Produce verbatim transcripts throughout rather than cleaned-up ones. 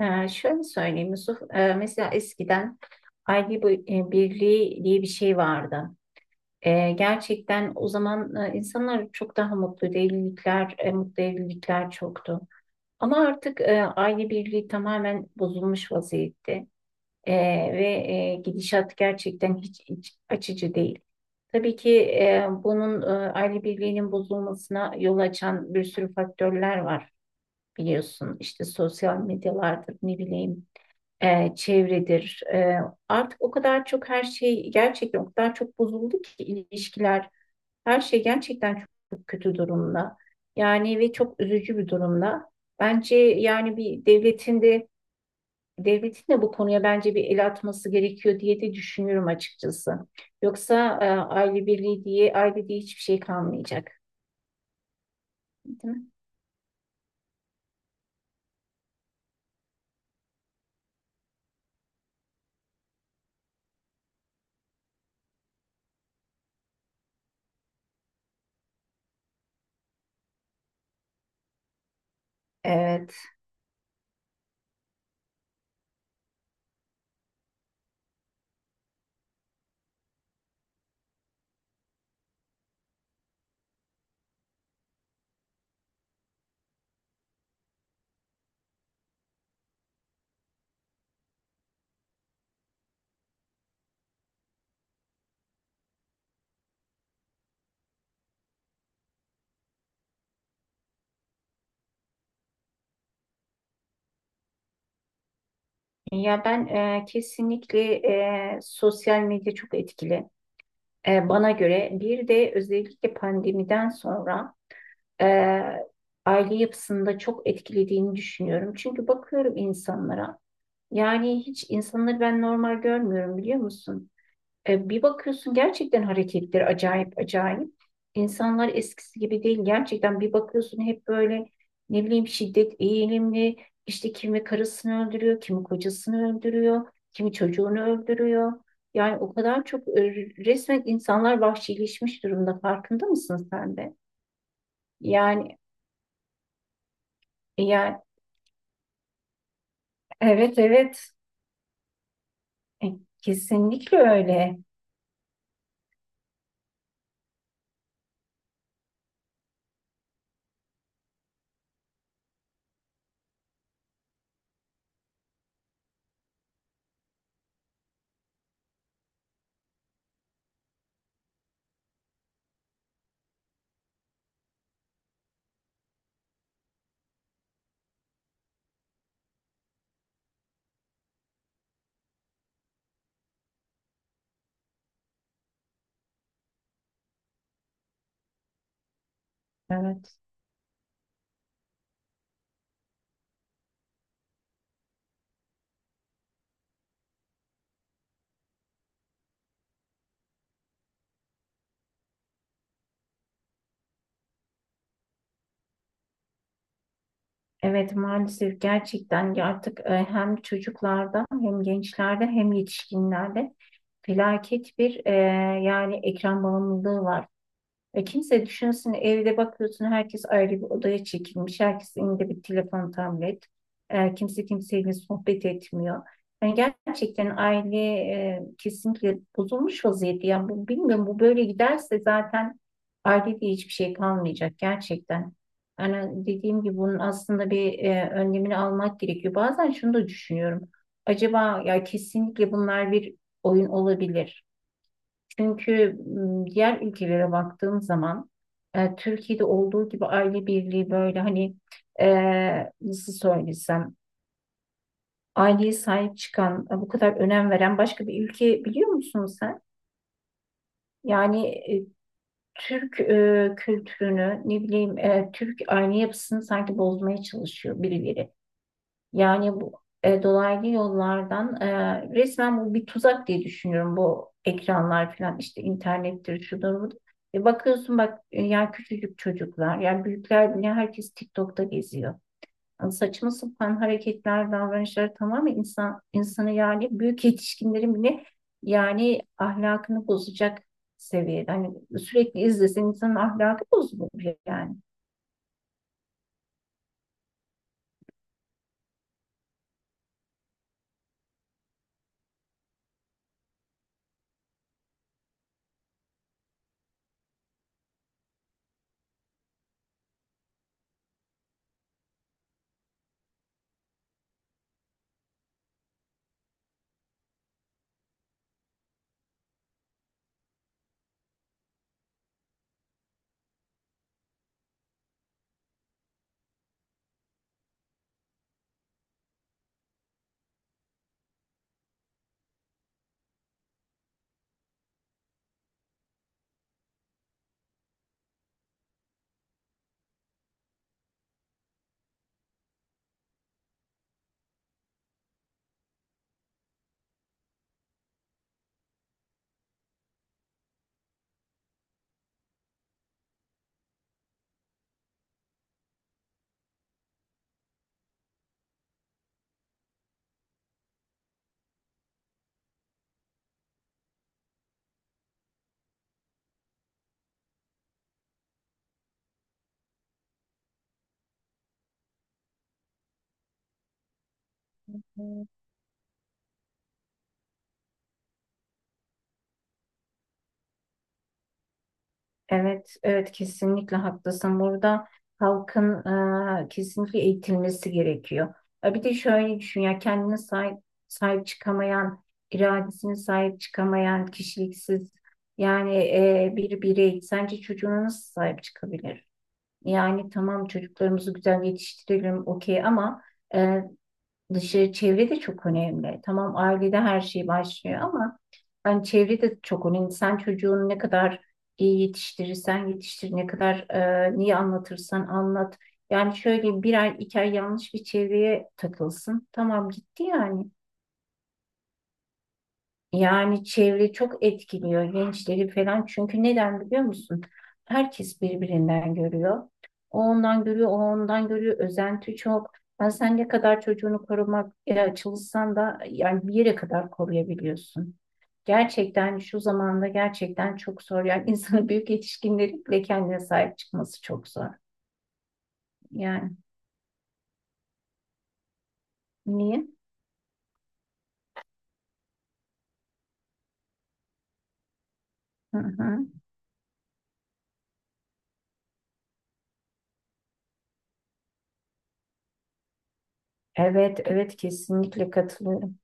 Ee, şöyle söyleyeyim Yusuf. Ee, mesela eskiden aile bu- e, birliği diye bir şey vardı. Ee, gerçekten o zaman e, insanlar çok daha mutluydu, evlilikler, e, mutlu evlilikler çoktu. Ama artık e, aile birliği tamamen bozulmuş vaziyette. Ee, Ve e, gidişat gerçekten hiç, hiç açıcı değil. Tabii ki e, bunun e, aile birliğinin bozulmasına yol açan bir sürü faktörler var biliyorsun. İşte sosyal medyalardır, ne bileyim e, çevredir. E, artık o kadar çok her şey gerçekten o kadar çok bozuldu ki ilişkiler, her şey gerçekten çok, çok kötü durumda. Yani ve çok üzücü bir durumda. Bence yani bir devletin de devletin de bu konuya bence bir el atması gerekiyor diye de düşünüyorum açıkçası. Yoksa e, aile birliği diye aile diye hiçbir şey kalmayacak, değil mi? Evet. Ya ben e, kesinlikle e, sosyal medya çok etkili. E, bana göre bir de özellikle pandemiden sonra e, aile yapısında çok etkilediğini düşünüyorum. Çünkü bakıyorum insanlara, yani hiç insanları ben normal görmüyorum, biliyor musun? E, bir bakıyorsun gerçekten hareketleri acayip acayip. İnsanlar eskisi gibi değil. Gerçekten bir bakıyorsun hep böyle ne bileyim şiddet eğilimli. İşte kimi karısını öldürüyor, kimi kocasını öldürüyor, kimi çocuğunu öldürüyor. Yani o kadar çok e, resmen insanlar vahşileşmiş durumda. Farkında mısın sen de? Yani yani evet, evet. E, Kesinlikle öyle. Evet. Evet, maalesef gerçekten, ya artık e, hem çocuklarda hem gençlerde hem yetişkinlerde felaket bir e, yani ekran bağımlılığı var. E, kimse düşünsün, evde bakıyorsun herkes ayrı bir odaya çekilmiş. Herkesin elinde bir telefon, tablet. E, kimse kimseyle sohbet etmiyor. Yani gerçekten aile e, kesinlikle bozulmuş vaziyette. Yani bu, bilmiyorum, bu böyle giderse zaten ailede hiçbir şey kalmayacak gerçekten. Yani dediğim gibi bunun aslında bir e, önlemini almak gerekiyor. Bazen şunu da düşünüyorum. Acaba ya kesinlikle bunlar bir oyun olabilir. Çünkü m, diğer ülkelere baktığım zaman e, Türkiye'de olduğu gibi aile birliği böyle hani e, nasıl söylesem, aileye sahip çıkan, e, bu kadar önem veren başka bir ülke biliyor musun sen? Yani e, Türk e, kültürünü, ne bileyim, e, Türk aile yapısını sanki bozmaya çalışıyor birileri. Yani bu e, dolaylı yollardan e, resmen bu bir tuzak diye düşünüyorum, bu ekranlar falan, işte internettir, şudur budur. E, bakıyorsun bak, e, ya küçücük çocuklar, yani büyükler bile, herkes TikTok'ta geziyor. Yani saçma sapan hareketler, davranışlar, tamamen insan insanı, yani büyük yetişkinlerin bile yani ahlakını bozacak seviyede. Hani sürekli izlesen insanın ahlakı bozulur yani. Evet, evet kesinlikle haklısın. Burada halkın e, kesinlikle eğitilmesi gerekiyor. E, bir de şöyle düşün, ya kendine sahip, sahip çıkamayan, iradesine sahip çıkamayan, kişiliksiz yani e, bir birey sence çocuğuna nasıl sahip çıkabilir? Yani tamam, çocuklarımızı güzel yetiştirelim okey, ama e, dışarı çevre de çok önemli. Tamam ailede her şey başlıyor ama yani çevre de çok önemli. Sen çocuğunu ne kadar iyi yetiştirirsen yetiştir, ne kadar e, niye anlatırsan anlat. Yani şöyle bir ay iki ay yanlış bir çevreye takılsın. Tamam gitti yani. Yani çevre çok etkiliyor gençleri falan. Çünkü neden biliyor musun? Herkes birbirinden görüyor. O ondan görüyor, o ondan görüyor. Özenti çok. Ben, sen ne kadar çocuğunu korumak e, çalışsan da yani bir yere kadar koruyabiliyorsun. Gerçekten şu zamanda gerçekten çok zor. Yani insanın, büyük yetişkinlerin bile kendine sahip çıkması çok zor. Yani niye? Hı hı. Evet, evet kesinlikle katılıyorum.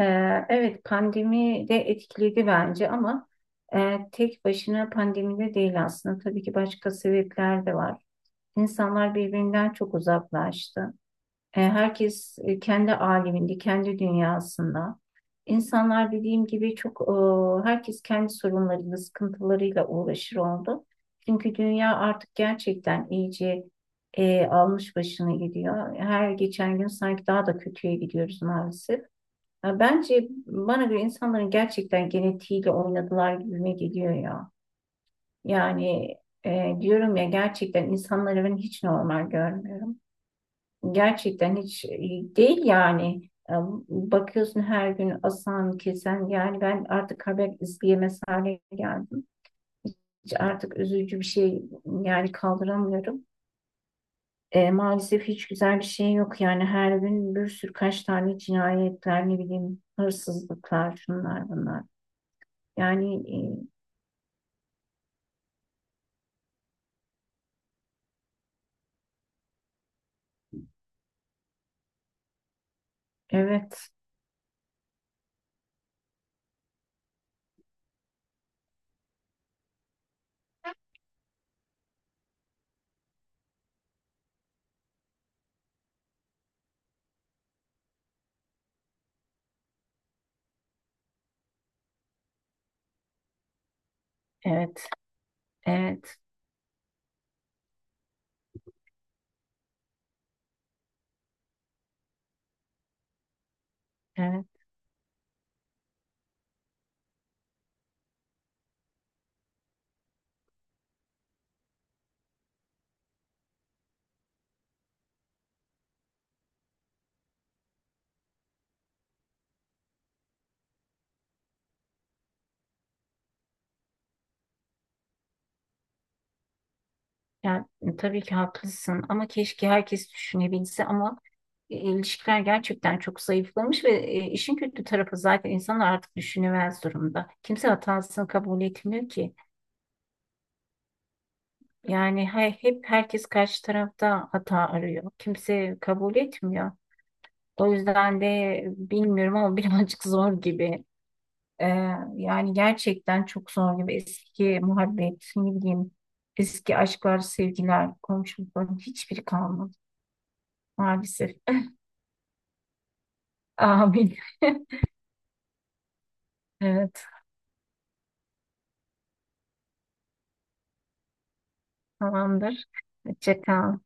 Ee, evet, pandemi de etkiledi bence ama e, tek başına pandemide değil aslında. Tabii ki başka sebepler de var. İnsanlar birbirinden çok uzaklaştı. E, herkes e, kendi aleminde, kendi dünyasında. İnsanlar dediğim gibi çok e, herkes kendi sorunlarıyla, sıkıntılarıyla uğraşır oldu. Çünkü dünya artık gerçekten iyice e, almış başını gidiyor. Her geçen gün sanki daha da kötüye gidiyoruz maalesef. Ya bence, bana göre insanların gerçekten genetiğiyle oynadılar gibime geliyor ya. Yani e, diyorum ya, gerçekten insanları ben hiç normal görmüyorum. Gerçekten hiç e, değil yani. E, Bakıyorsun her gün asan, kesen, yani ben artık haber izleyemez hale geldim. Hiç, artık üzücü bir şey yani kaldıramıyorum. E, maalesef hiç güzel bir şey yok, yani her gün bir sürü, kaç tane cinayetler, ne bileyim, hırsızlıklar, şunlar bunlar. Yani e, evet, evet, evet, evet. Yani tabii ki haklısın ama keşke herkes düşünebilse ama e, ilişkiler gerçekten çok zayıflamış ve e, işin kötü tarafı zaten insanlar artık düşünemez durumda. Kimse hatasını kabul etmiyor ki. Yani he- hep herkes karşı tarafta hata arıyor. Kimse kabul etmiyor. O yüzden de bilmiyorum ama birazcık zor gibi. Ee, Yani gerçekten çok zor gibi, eski muhabbet, ne bileyim, eski aşklar, sevgiler, komşulukların hiçbiri kalmadı maalesef. Amin. Evet, tamamdır. Hoşça kal.